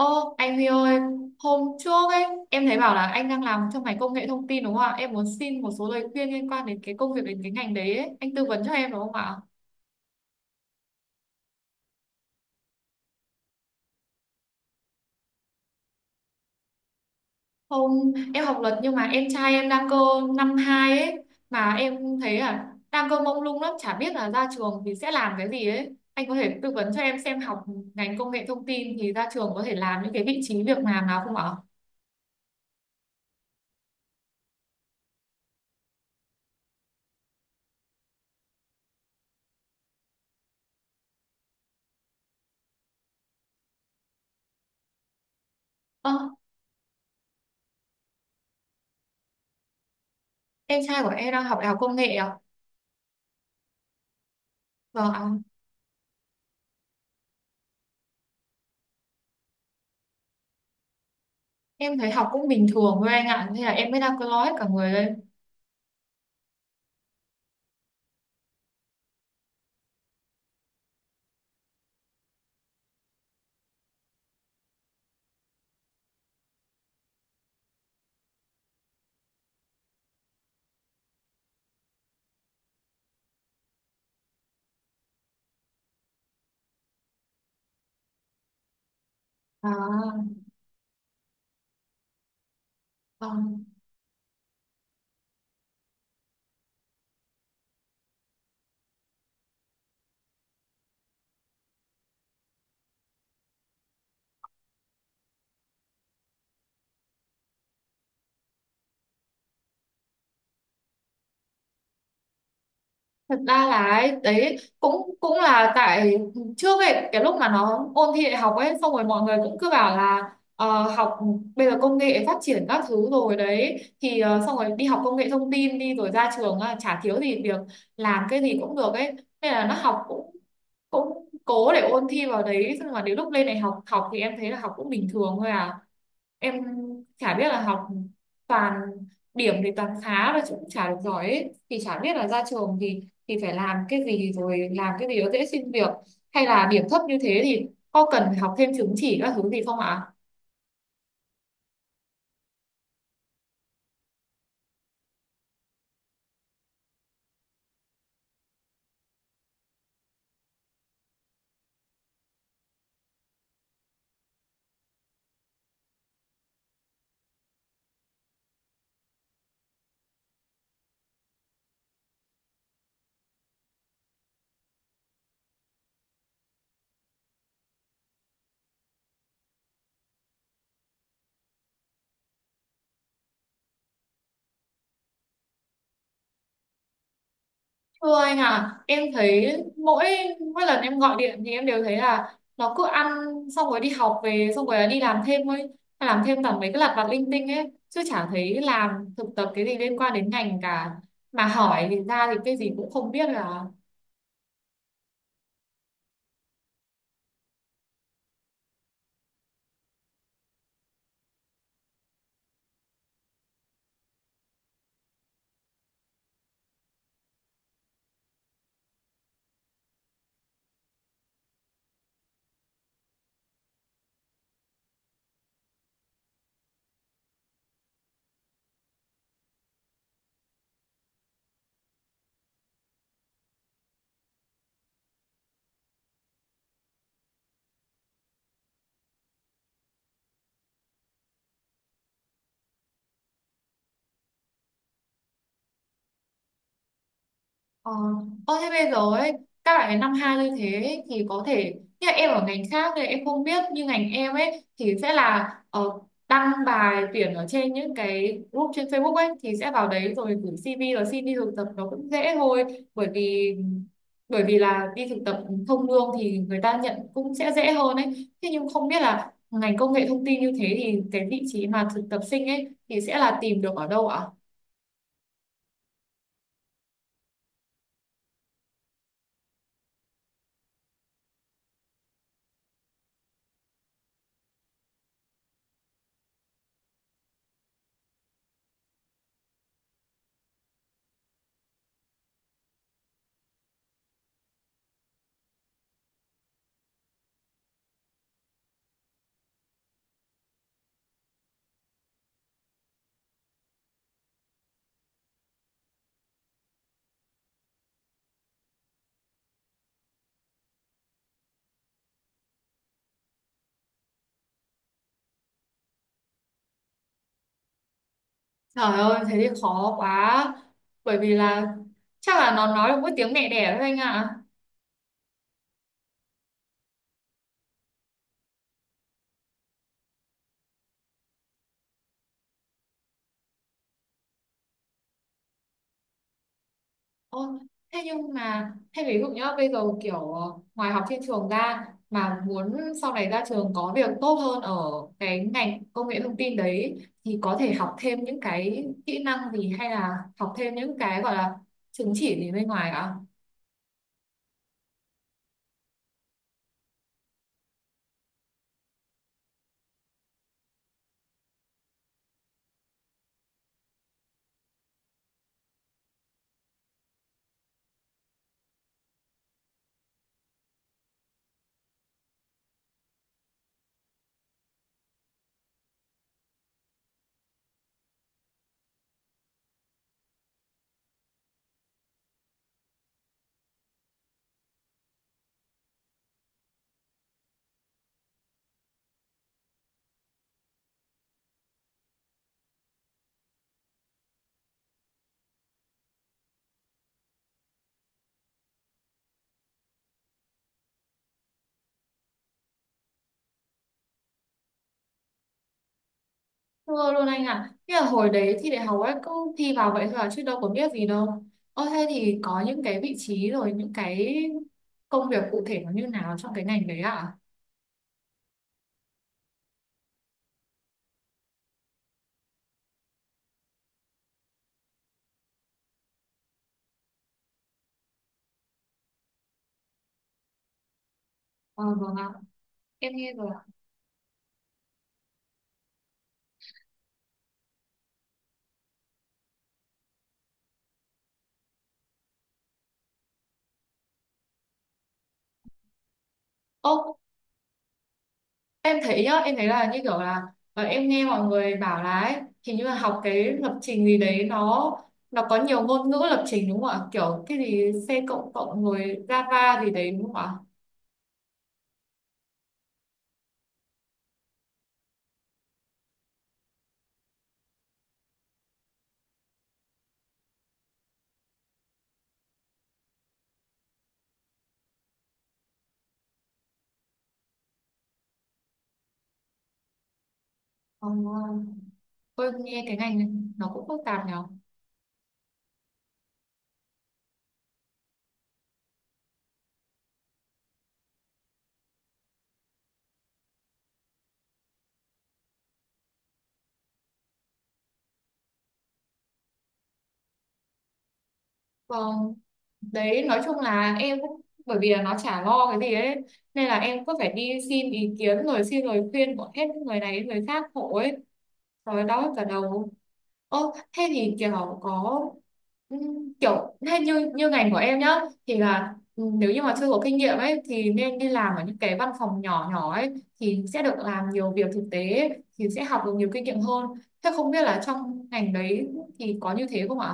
Ô, anh Huy ơi, hôm trước ấy, em thấy bảo là anh đang làm trong ngành công nghệ thông tin đúng không ạ? Em muốn xin một số lời khuyên liên quan đến cái công việc đến cái ngành đấy ấy. Anh tư vấn cho em đúng không ạ? Hôm em học luật nhưng mà em trai em đang cơ năm 2 ấy, mà em thấy là đang cơ mông lung lắm, chả biết là ra trường thì sẽ làm cái gì ấy. Anh có thể tư vấn cho em xem học ngành công nghệ thông tin thì ra trường có thể làm những cái vị trí việc làm nào không ạ? Ơ, em trai của em đang học đại học công nghệ ạ? Vâng ạ. Em thấy học cũng bình thường thôi anh ạ, thế là em mới đang cơ lo hết cả người lên. À, vâng. Thật ra là ấy, đấy cũng cũng là tại trước ấy cái lúc mà nó ôn thi đại học ấy xong rồi mọi người cũng cứ bảo là học bây giờ công nghệ phát triển các thứ rồi đấy thì xong rồi đi học công nghệ thông tin đi rồi ra trường, chả thiếu gì việc, làm cái gì cũng được ấy, nên là nó học cũng cũng cố để ôn thi vào đấy. Nhưng mà đến lúc lên đại học học thì em thấy là học cũng bình thường thôi à. Em chả biết là học toàn, điểm thì toàn khá và cũng chả được giỏi ấy. Thì chả biết là ra trường thì phải làm cái gì, rồi làm cái gì nó dễ xin việc, hay là điểm thấp như thế thì có cần phải học thêm chứng chỉ các thứ gì không ạ? Thưa anh à, em thấy mỗi mỗi lần em gọi điện thì em đều thấy là nó cứ ăn xong rồi đi học về xong rồi đi làm thêm ấy, làm thêm toàn mấy cái lặt vặt linh tinh ấy chứ chả thấy làm thực tập cái gì liên quan đến ngành cả, mà hỏi thì ra thì cái gì cũng không biết là. Ờ, ơ thế bây giờ ấy các bạn ấy năm hai như thế ấy, thì có thể như là em ở ngành khác thì em không biết, như ngành em ấy thì sẽ là đăng bài tuyển ở trên những cái group trên Facebook ấy, thì sẽ vào đấy rồi gửi CV rồi xin đi thực tập nó cũng dễ thôi, bởi vì bởi vì là đi thực tập không lương thì người ta nhận cũng sẽ dễ hơn ấy. Thế nhưng không biết là ngành công nghệ thông tin như thế thì cái vị trí mà thực tập sinh ấy thì sẽ là tìm được ở đâu ạ? Trời ơi, thế thì khó quá. Bởi vì là chắc là nó nói được mỗi tiếng mẹ đẻ thôi anh ạ. Ôi, thế nhưng mà, thế ví dụ nhá, bây giờ kiểu ngoài học trên trường ra mà muốn sau này ra trường có việc tốt hơn ở cái ngành công nghệ thông tin đấy, thì có thể học thêm những cái kỹ năng gì, hay là học thêm những cái gọi là chứng chỉ gì bên ngoài ạ? Thưa luôn anh ạ, thế là hồi đấy thi đại học ấy cứ thi vào vậy thôi à, chứ đâu có biết gì đâu. Ơ thế thì có những cái vị trí rồi những cái công việc cụ thể nó như nào trong cái ngành đấy ạ? À? Ờ vâng ạ, em nghe rồi ạ. Ô, em thấy nhá, em thấy là như kiểu là em nghe mọi người bảo là ấy, hình như là học cái lập trình gì đấy, nó có nhiều ngôn ngữ lập trình đúng không ạ? Kiểu cái gì C cộng cộng rồi Java gì đấy đúng không ạ? Ờ, ôi nghe cái ngành này nó cũng phức tạp nhở. Vâng, đấy nói chung là em cũng bởi vì là nó chả lo cái gì ấy, nên là em cứ phải đi xin ý kiến rồi xin lời khuyên của hết người này đến người khác hộ ấy, rồi đau cả đầu. Ô thế thì kiểu có kiểu thế như như ngành của em nhá, thì là nếu như mà chưa có kinh nghiệm ấy thì nên đi làm ở những cái văn phòng nhỏ nhỏ ấy, thì sẽ được làm nhiều việc thực tế ấy, thì sẽ học được nhiều kinh nghiệm hơn. Thế không biết là trong ngành đấy thì có như thế không ạ?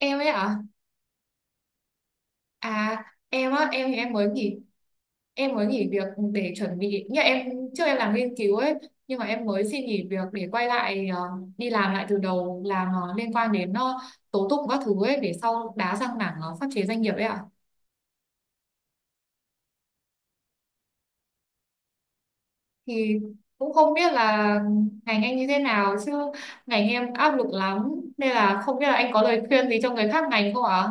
Em ấy ạ? À, em á em thì em mới nghỉ việc để chuẩn bị, như em trước em làm nghiên cứu ấy, nhưng mà em mới xin nghỉ việc để quay lại đi làm lại từ đầu, làm liên quan đến tố tụng các thứ ấy, để sau đá sang mảng pháp chế doanh nghiệp ấy ạ. Thì cũng không biết là ngành anh như thế nào chứ ngành em áp lực lắm, nên là không biết là anh có lời khuyên gì cho người khác ngành không ạ?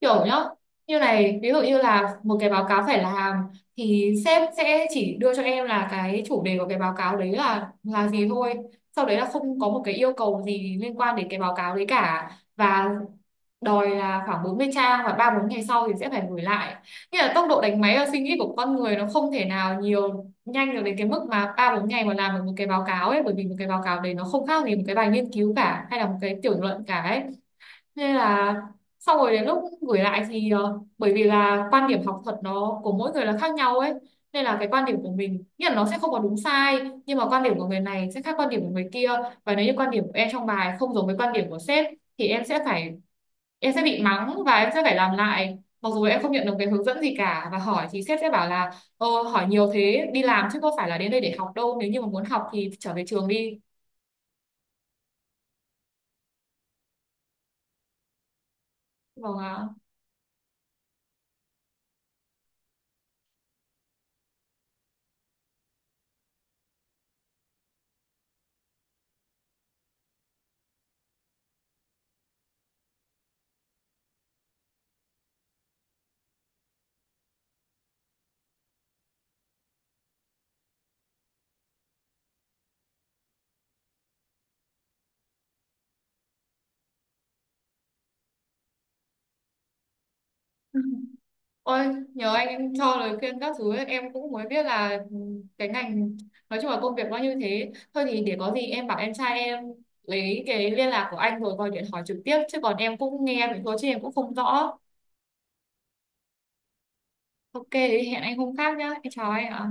Kiểu nhá, như này ví dụ như là một cái báo cáo phải làm, thì sếp sẽ chỉ đưa cho em là cái chủ đề của cái báo cáo đấy là gì thôi, sau đấy là không có một cái yêu cầu gì liên quan đến cái báo cáo đấy cả, và đòi là khoảng 40 trang và ba bốn ngày sau thì sẽ phải gửi lại. Nghĩa là tốc độ đánh máy và suy nghĩ của con người nó không thể nào nhiều nhanh được đến cái mức mà ba bốn ngày mà làm được một cái báo cáo ấy, bởi vì một cái báo cáo đấy nó không khác gì một cái bài nghiên cứu cả hay là một cái tiểu luận cả ấy. Nên là sau rồi đến lúc gửi lại thì bởi vì là quan điểm học thuật nó của mỗi người là khác nhau ấy, nên là cái quan điểm của mình nghĩa là nó sẽ không có đúng sai, nhưng mà quan điểm của người này sẽ khác quan điểm của người kia. Và nếu như quan điểm của em trong bài không giống với quan điểm của sếp, thì em sẽ phải em sẽ bị mắng và em sẽ phải làm lại, mặc dù em không nhận được cái hướng dẫn gì cả, và hỏi thì sếp sẽ bảo là hỏi nhiều thế, đi làm chứ có phải là đến đây để học đâu, nếu như mà muốn học thì trở về trường đi. Vâng ạ. Ôi, nhờ anh em cho lời khuyên các thứ ấy, em cũng mới biết là cái ngành, nói chung là công việc nó như thế thôi, thì để có gì em bảo em trai em lấy cái liên lạc của anh rồi gọi điện hỏi trực tiếp, chứ còn em cũng nghe vậy thôi chứ em cũng không rõ. Ok thì hẹn anh hôm khác nhá, em chào anh ạ.